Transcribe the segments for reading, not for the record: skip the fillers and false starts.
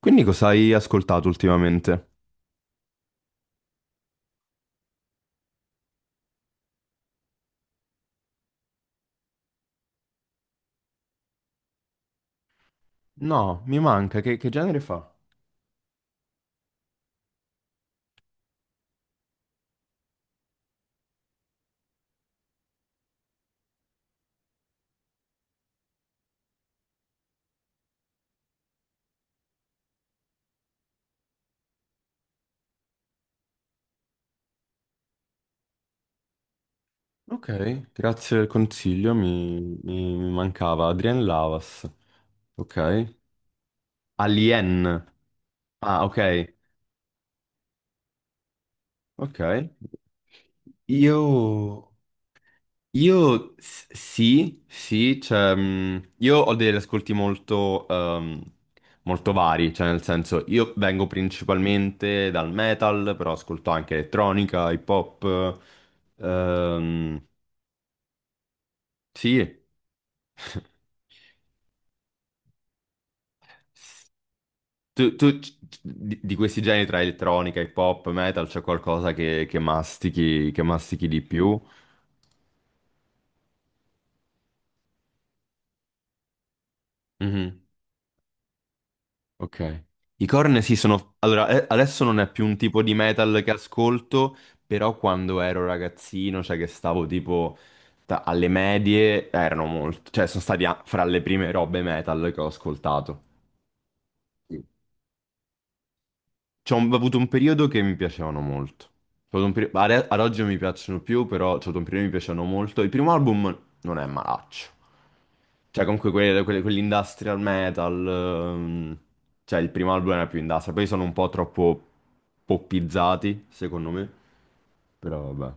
Quindi cosa hai ascoltato ultimamente? No, mi manca, che genere fa? Ok, grazie del consiglio, mi mancava Adrien Lavas. Ok. Alien. Ah, ok. Ok. Io... sì, sì, cioè, io ho degli ascolti molto, molto vari, cioè nel senso io vengo principalmente dal metal, però ascolto anche elettronica, hip hop, ehm, Sì. Tu di questi generi tra elettronica, hip hop, metal, c'è qualcosa che, che mastichi di più? Mhm. Ok. I Korn sì sono... Allora, adesso non è più un tipo di metal che ascolto, però quando ero ragazzino, cioè che stavo tipo alle medie, erano molto... Cioè sono stati fra le prime robe metal che ho ascoltato. C'ho ho avuto un periodo che mi piacevano molto. C'ho avuto ad oggi non mi piacciono più, però c'ho avuto un periodo che mi piacevano molto. Il primo album non è malaccio. Cioè, comunque quell'industrial metal. Cioè, il primo album era più industrial. Poi sono un po' troppo poppizzati, secondo me. Però vabbè.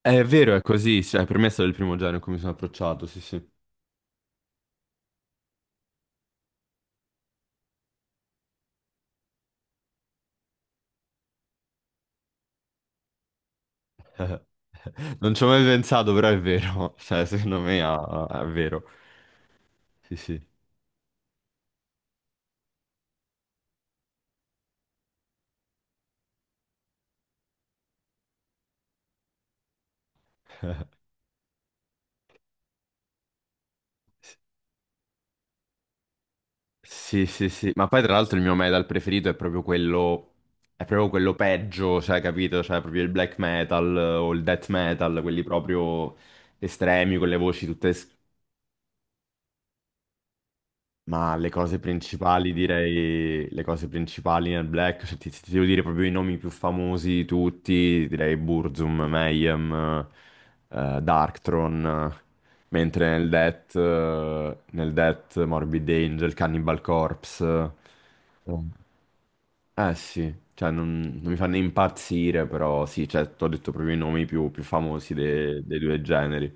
È vero, è così. Cioè, per me è stato il primo genere in cui mi sono approcciato, sì, sì. Non ci ho mai pensato, però è vero. Cioè, secondo me, è vero. Sì, sì. Sì, sì, sì, ma poi tra l'altro il mio metal preferito è proprio quello peggio, cioè, capito? Cioè, proprio il black metal, o il death metal, quelli proprio estremi, con le voci tutte... Ma le cose principali, direi, le cose principali nel black, cioè, ti devo dire proprio i nomi più famosi di tutti, direi Burzum, Mayhem, Darkthrone, mentre nel death, Morbid Angel, Cannibal Corpse... eh, Eh sì, cioè non mi fa né impazzire, però sì, cioè, ti ho detto proprio i nomi più famosi dei due generi.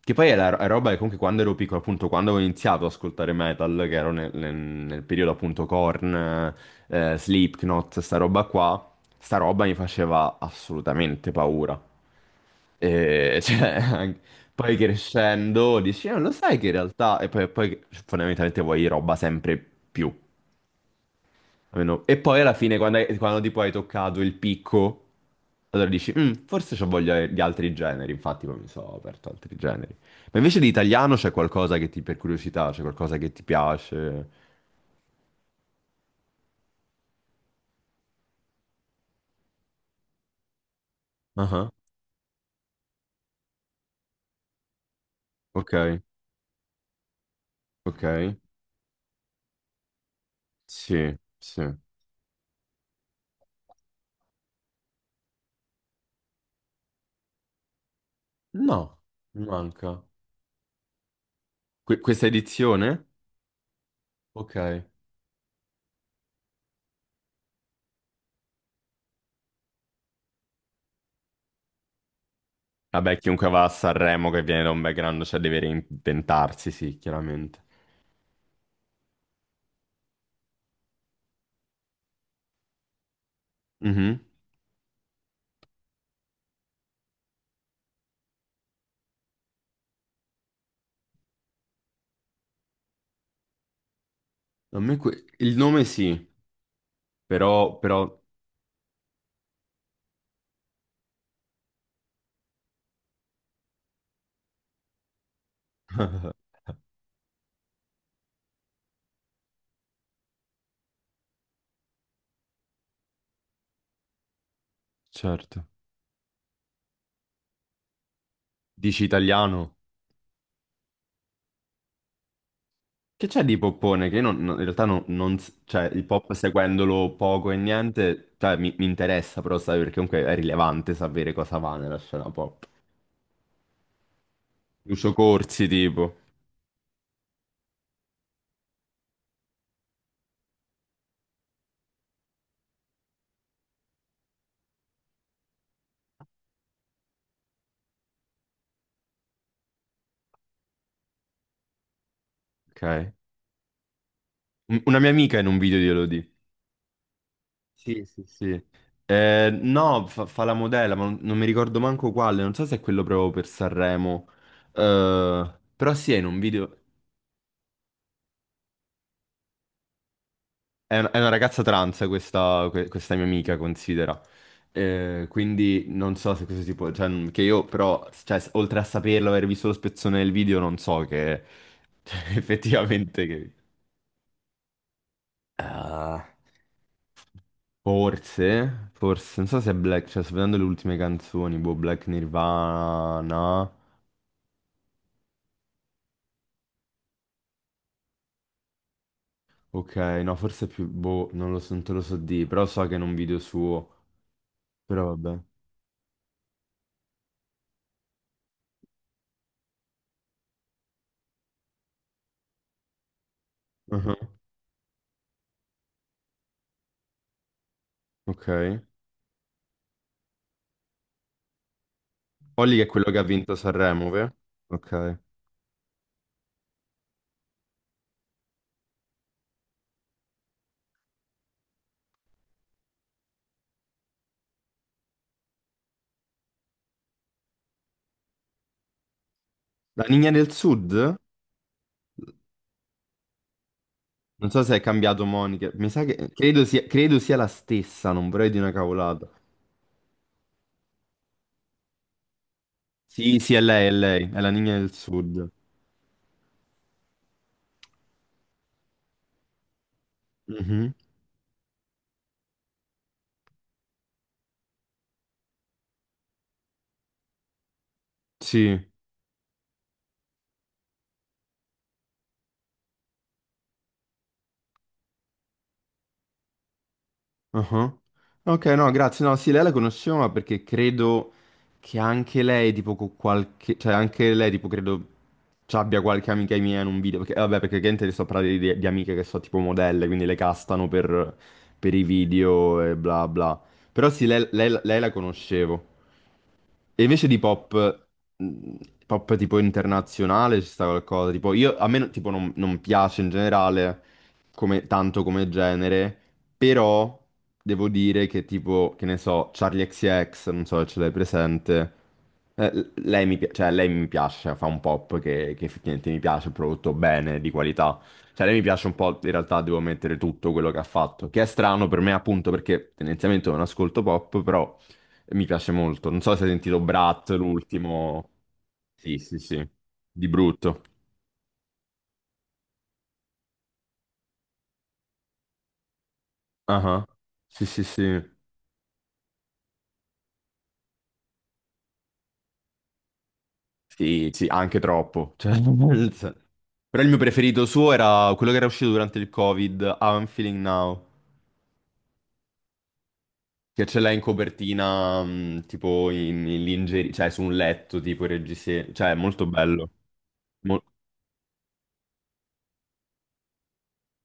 Che poi è, è roba che comunque quando ero piccolo, appunto, quando ho iniziato ad ascoltare metal, che ero nel, nel periodo appunto Korn, Slipknot, sta roba qua, sta roba mi faceva assolutamente paura. E, cioè, poi crescendo dici, lo sai che in realtà... E poi, poi fondamentalmente vuoi roba sempre più. E poi alla fine, quando, quando tipo hai toccato il picco, allora dici, "Mm, forse c'ho voglia di altri generi, infatti poi mi sono aperto altri generi. Ma invece di italiano c'è qualcosa per curiosità, c'è qualcosa che ti piace? Ah, ok, ok, sì, sì. No, mi manca. Questa edizione? Ok. Vabbè, chiunque va a Sanremo che viene da un background, cioè deve reinventarsi, sì, chiaramente. Mhm. A me il nome sì, però, però... certo. Dici italiano? Che c'è di poppone? Che io in realtà non, non s- cioè, il pop seguendolo poco e niente, cioè, mi interessa però sapere, perché comunque è rilevante sapere cosa va nella scena pop. Lucio Corsi, tipo. Ok. Una mia amica in un video di Elodie. Sì, sì, sì. No, fa la modella, ma non mi ricordo manco quale, non so se è quello proprio per Sanremo. Però sì, è in un video. È una ragazza trans questa, questa mia amica, considera. Quindi non so se questo tipo... Cioè, che io però, cioè, oltre a saperlo, aver visto lo spezzone del video, non so che... cioè, effettivamente che... Ah, forse, forse, non so se è Black, cioè sto vedendo le ultime canzoni, boh, Black Nirvana, ok, no, forse è più, boh, non lo so, non te lo so di, però so che è in un video suo, però vabbè. Mhm. Ok. Olly che è quello che ha vinto Sanremo, vero? Ok. La Ninja del Sud? Non so se è cambiato Monica. Mi sa che credo sia la stessa, non vorrei di una cavolata. Sì, sì, è lei, è lei, è la Ninja del Sud. Mhm. Sì. Ah, ok, no, grazie. No, sì, lei la conoscevo, ma perché credo che anche lei, tipo, con qualche... Cioè, anche lei, tipo, credo ci abbia qualche amica mia in un video. Perché, vabbè, perché gente sto parlando di, amiche che sono tipo modelle, quindi le castano per i video e bla bla. Però sì, lei la conoscevo. E invece di pop, mh, pop tipo internazionale ci sta qualcosa, tipo io, a me tipo non piace in generale tanto come genere, però devo dire che tipo, che ne so, Charlie XCX, non so se ce l'hai presente, cioè, lei mi piace, cioè, fa un pop che effettivamente mi piace, prodotto bene, di qualità, cioè lei mi piace un po', in realtà devo mettere tutto quello che ha fatto, che è strano per me appunto perché tendenzialmente non ascolto pop, però... Mi piace molto. Non so se hai sentito Brat, l'ultimo. Sì, sì, sì. Di brutto. Ah, sì, sì, sì. Sì, sì, anche troppo. Cioè, Però il mio preferito suo era quello che era uscito durante il Covid, How I'm Feeling Now. Che ce l'ha in copertina, tipo in, lingerie, cioè su un letto, tipo il reggiseno. Cioè, è molto bello. Mol-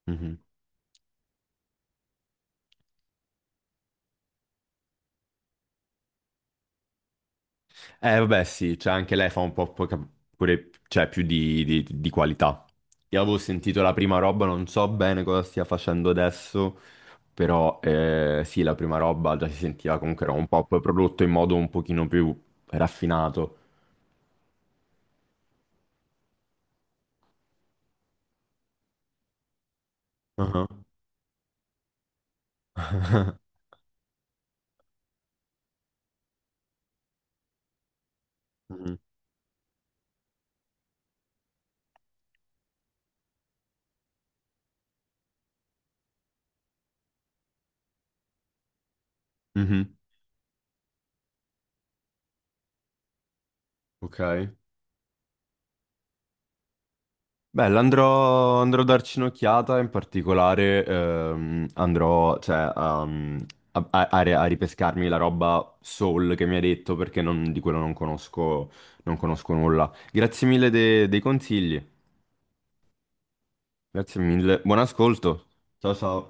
Mhm. Vabbè, sì, cioè anche lei fa un po' pure, cioè, più di, di qualità. Io avevo sentito la prima roba, non so bene cosa stia facendo adesso, però sì, la prima roba già si sentiva comunque era un pop prodotto in modo un pochino più raffinato. Ah, mhm, mhm, ok. Bella, andrò a darci un'occhiata, in particolare andrò cioè, a ripescarmi la roba Soul che mi hai detto perché di quello non conosco, non conosco nulla. Grazie mille dei consigli, grazie mille, buon ascolto, ciao ciao.